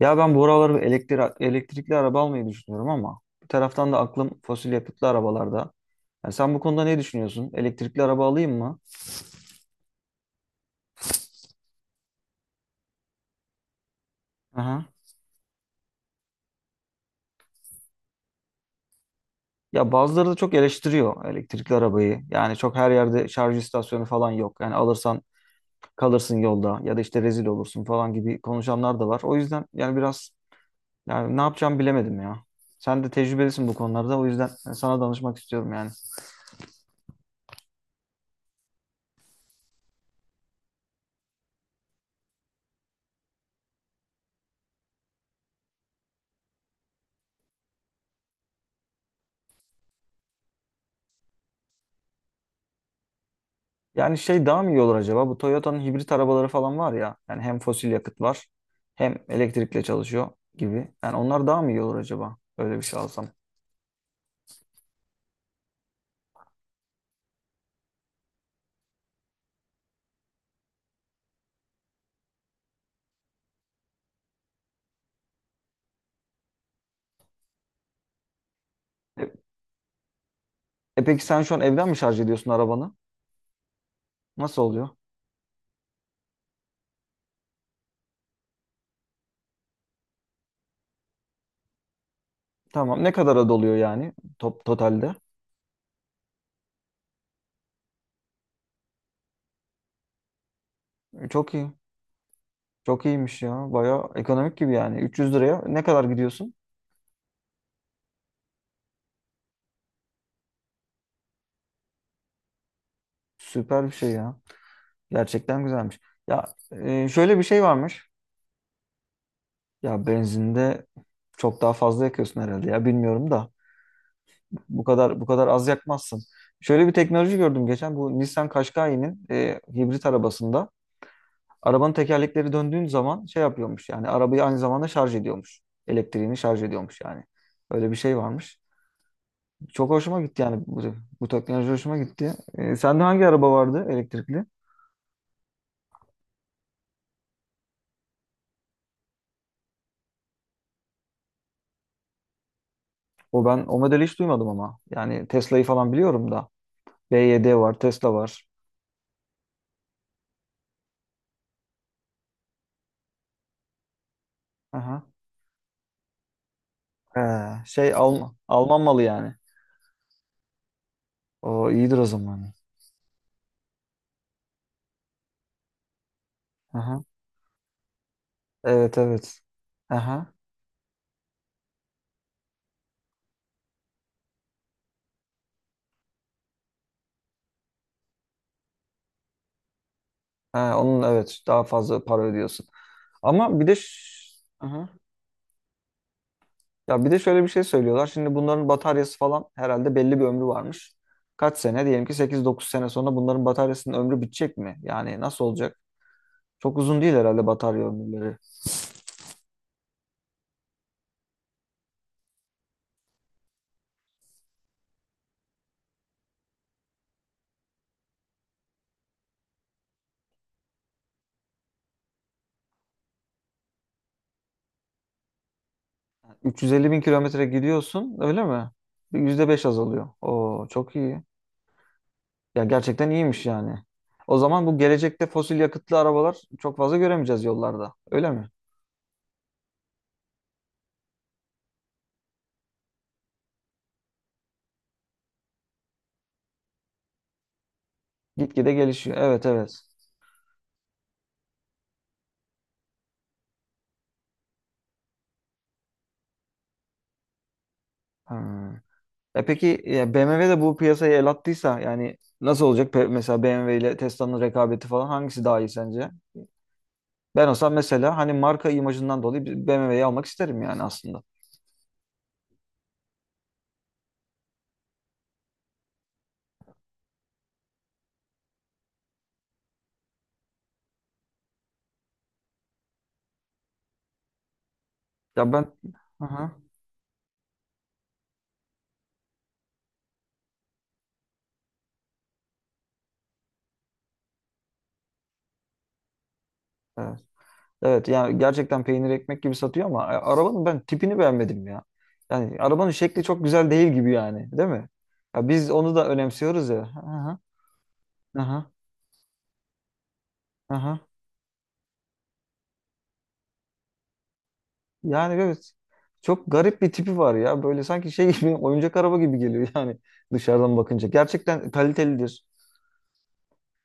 Ya ben bu aralar bir elektrikli araba almayı düşünüyorum, ama bir taraftan da aklım fosil yakıtlı arabalarda. Yani sen bu konuda ne düşünüyorsun? Elektrikli araba alayım mı? Aha. Ya bazıları da çok eleştiriyor elektrikli arabayı. Yani çok her yerde şarj istasyonu falan yok. Yani alırsan kalırsın yolda, ya da işte rezil olursun falan gibi konuşanlar da var. O yüzden yani biraz, yani ne yapacağımı bilemedim ya. Sen de tecrübelisin bu konularda. O yüzden sana danışmak istiyorum yani. Yani şey daha mı iyi olur acaba? Bu Toyota'nın hibrit arabaları falan var ya. Yani hem fosil yakıt var, hem elektrikle çalışıyor gibi. Yani onlar daha mı iyi olur acaba? Öyle bir şey alsam. E, E peki sen şu an evden mi şarj ediyorsun arabanı? Nasıl oluyor? Tamam. Ne kadara doluyor yani, totalde? Çok iyi. Çok iyiymiş ya. Baya ekonomik gibi yani. 300 liraya ne kadar gidiyorsun? Süper bir şey ya. Gerçekten güzelmiş. Ya şöyle bir şey varmış. Ya benzinde çok daha fazla yakıyorsun herhalde ya. Bilmiyorum da. Bu kadar az yakmazsın. Şöyle bir teknoloji gördüm geçen, bu Nissan Qashqai'nin hibrit arabasında arabanın tekerlekleri döndüğün zaman şey yapıyormuş, yani arabayı aynı zamanda şarj ediyormuş. Elektriğini şarj ediyormuş yani. Öyle bir şey varmış. Çok hoşuma gitti yani bu teknoloji hoşuma gitti. Sende hangi araba vardı elektrikli? Ben o modeli hiç duymadım ama. Yani Tesla'yı falan biliyorum da. B Y D var, Tesla var. Aha. Ee, şey Alman malı yani. O iyidir o zaman. Aha. Evet evet. Aha. Ha, onun, evet, daha fazla para ödüyorsun. Ama bir de ş- Aha. Ya bir de şöyle bir şey söylüyorlar. Şimdi bunların bataryası falan herhalde belli bir ömrü varmış. Kaç sene? Diyelim ki sekiz dokuz sene sonra bunların bataryasının ömrü bitecek mi? Yani nasıl olacak? Çok uzun değil herhalde batarya ömürleri. 350 bin kilometre gidiyorsun öyle mi? %5 azalıyor. Oo çok iyi. Ya gerçekten iyiymiş yani. O zaman bu gelecekte fosil yakıtlı arabalar çok fazla göremeyeceğiz yollarda. Öyle mi? Gitgide gelişiyor. Evet evet. Ha. E peki ya BMW de bu piyasaya el attıysa yani nasıl olacak? Mesela BMW ile Tesla'nın rekabeti falan, hangisi daha iyi sence? Ben olsam mesela hani marka imajından dolayı BMW'yi almak isterim yani aslında. Ya ben Aha, evet. Evet yani gerçekten peynir ekmek gibi satıyor ama arabanın ben tipini beğenmedim ya. Yani arabanın şekli çok güzel değil gibi yani, değil mi? Ya biz onu da önemsiyoruz ya. Aha, aha, aha. Yani evet, çok garip bir tipi var ya. Böyle sanki şey gibi oyuncak araba gibi geliyor yani dışarıdan bakınca. Gerçekten kalitelidir.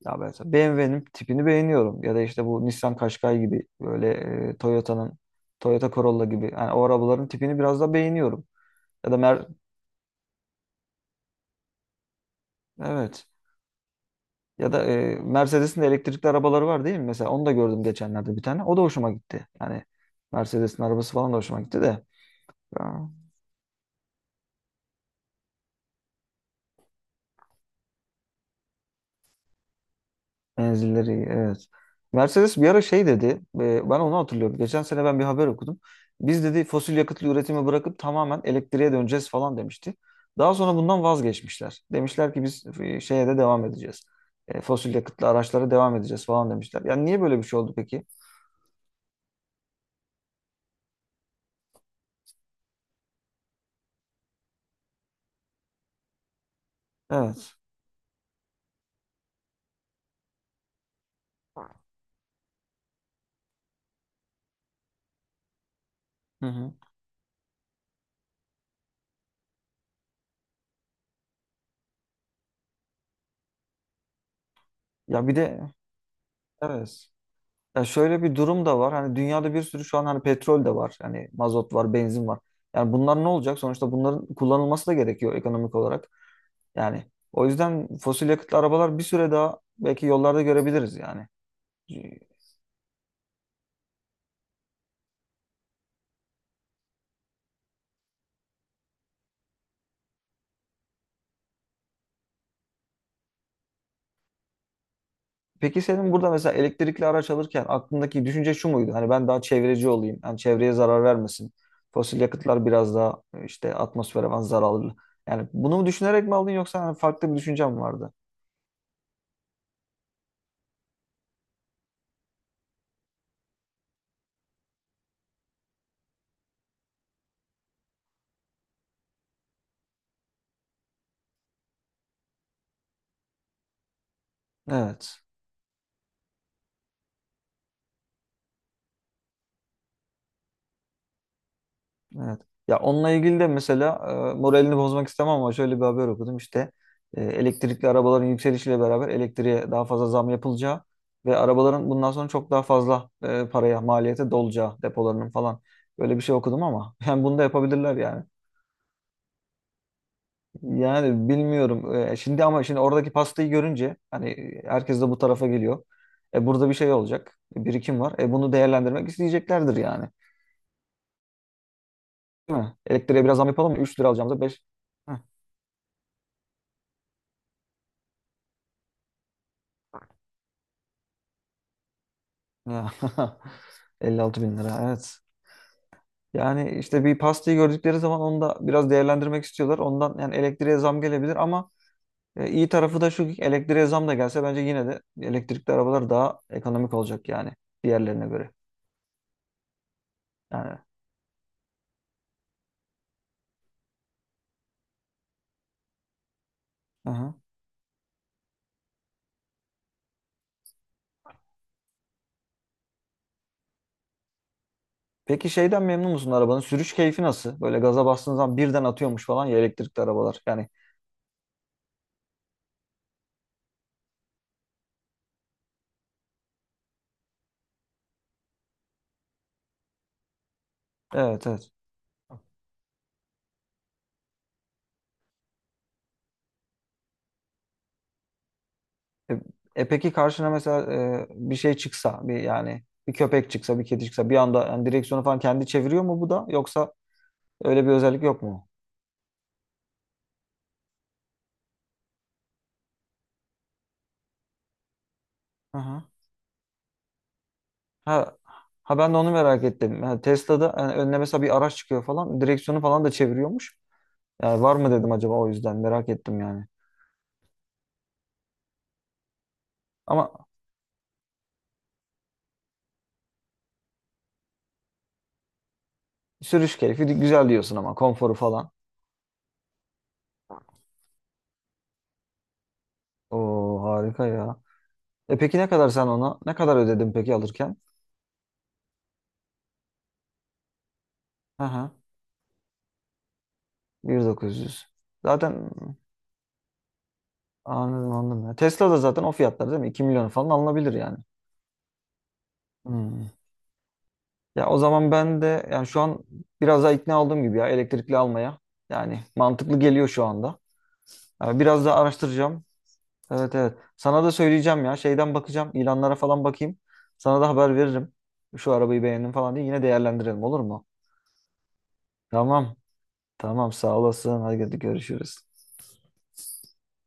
Ya ben mesela BMW'nin tipini beğeniyorum. Ya da işte bu Nissan Qashqai gibi, böyle Toyota'nın Toyota Corolla gibi. Yani o arabaların tipini biraz da beğeniyorum. Ya da Mer evet. Ya da Mercedes'in de elektrikli arabaları var değil mi? Mesela onu da gördüm geçenlerde bir tane. O da hoşuma gitti. Yani Mercedes'in arabası falan da hoşuma gitti de. Menzilleri evet. Mercedes bir ara şey dedi. Ben onu hatırlıyorum. Geçen sene ben bir haber okudum. Biz dedi fosil yakıtlı üretimi bırakıp tamamen elektriğe döneceğiz falan demişti. Daha sonra bundan vazgeçmişler. Demişler ki biz şeye de devam edeceğiz. Fosil yakıtlı araçlara devam edeceğiz falan demişler. Yani niye böyle bir şey oldu peki? Evet. Hı hı. Ya bir de evet. Ya şöyle bir durum da var. Hani dünyada bir sürü şu an hani petrol de var. Hani mazot var, benzin var. Yani bunlar ne olacak? Sonuçta bunların kullanılması da gerekiyor ekonomik olarak. Yani o yüzden fosil yakıtlı arabalar bir süre daha belki yollarda görebiliriz yani. Peki senin burada mesela elektrikli araç alırken aklındaki düşünce şu muydu? Hani ben daha çevreci olayım. Yani çevreye zarar vermesin. Fosil yakıtlar biraz daha işte atmosfere falan zararlı. Yani bunu mu düşünerek mi aldın yoksa hani farklı bir düşüncen mi vardı? Evet. Evet. Ya onunla ilgili de mesela moralini bozmak istemem, ama şöyle bir haber okudum işte elektrikli arabaların yükselişiyle beraber elektriğe daha fazla zam yapılacağı ve arabaların bundan sonra çok daha fazla paraya maliyete dolacağı, depolarının falan, böyle bir şey okudum ama yani bunu da yapabilirler yani. Yani bilmiyorum. Şimdi ama şimdi oradaki pastayı görünce hani herkes de bu tarafa geliyor. Burada bir şey olacak. Birikim var. Bunu değerlendirmek isteyeceklerdir yani. Değil mi? Elektriğe biraz zam yapalım mı? 3 lira alacağımıza 5. Ya, 56 bin lira, evet. Yani işte bir pastayı gördükleri zaman onu da biraz değerlendirmek istiyorlar. Ondan yani elektriğe zam gelebilir ama iyi tarafı da şu ki, elektriğe zam da gelse bence yine de elektrikli arabalar daha ekonomik olacak yani diğerlerine göre. Yani. Aha. Peki şeyden memnun musun, arabanın? Sürüş keyfi nasıl? Böyle gaza bastığın zaman birden atıyormuş falan ya elektrikli arabalar. Yani evet evet. E, peki karşına mesela bir şey çıksa, bir yani bir köpek çıksa, bir kedi çıksa bir anda yani direksiyonu falan kendi çeviriyor mu bu da, yoksa öyle bir özellik yok mu? Hı hı. Ha, ha ben de onu merak ettim. Ha, Tesla'da yani önüne mesela bir araç çıkıyor falan direksiyonu falan da çeviriyormuş. Yani var mı dedim acaba, o yüzden merak ettim yani. Ama sürüş keyfi güzel diyorsun ama konforu falan. Oo harika ya. E peki ne kadar ödedin peki alırken? Hı hı. 1.900. Zaten anladım, anladım. Ya Tesla da zaten o fiyatlar değil mi? 2 milyon falan alınabilir yani. Hmm. Ya o zaman ben de yani şu an biraz daha ikna olduğum gibi ya, elektrikli almaya. Yani mantıklı geliyor şu anda. Yani biraz daha araştıracağım. Evet evet. Sana da söyleyeceğim ya. Şeyden bakacağım. İlanlara falan bakayım. Sana da haber veririm. Şu arabayı beğendim falan diye yine değerlendirelim, olur mu? Tamam. Tamam sağ olasın. Hadi görüşürüz.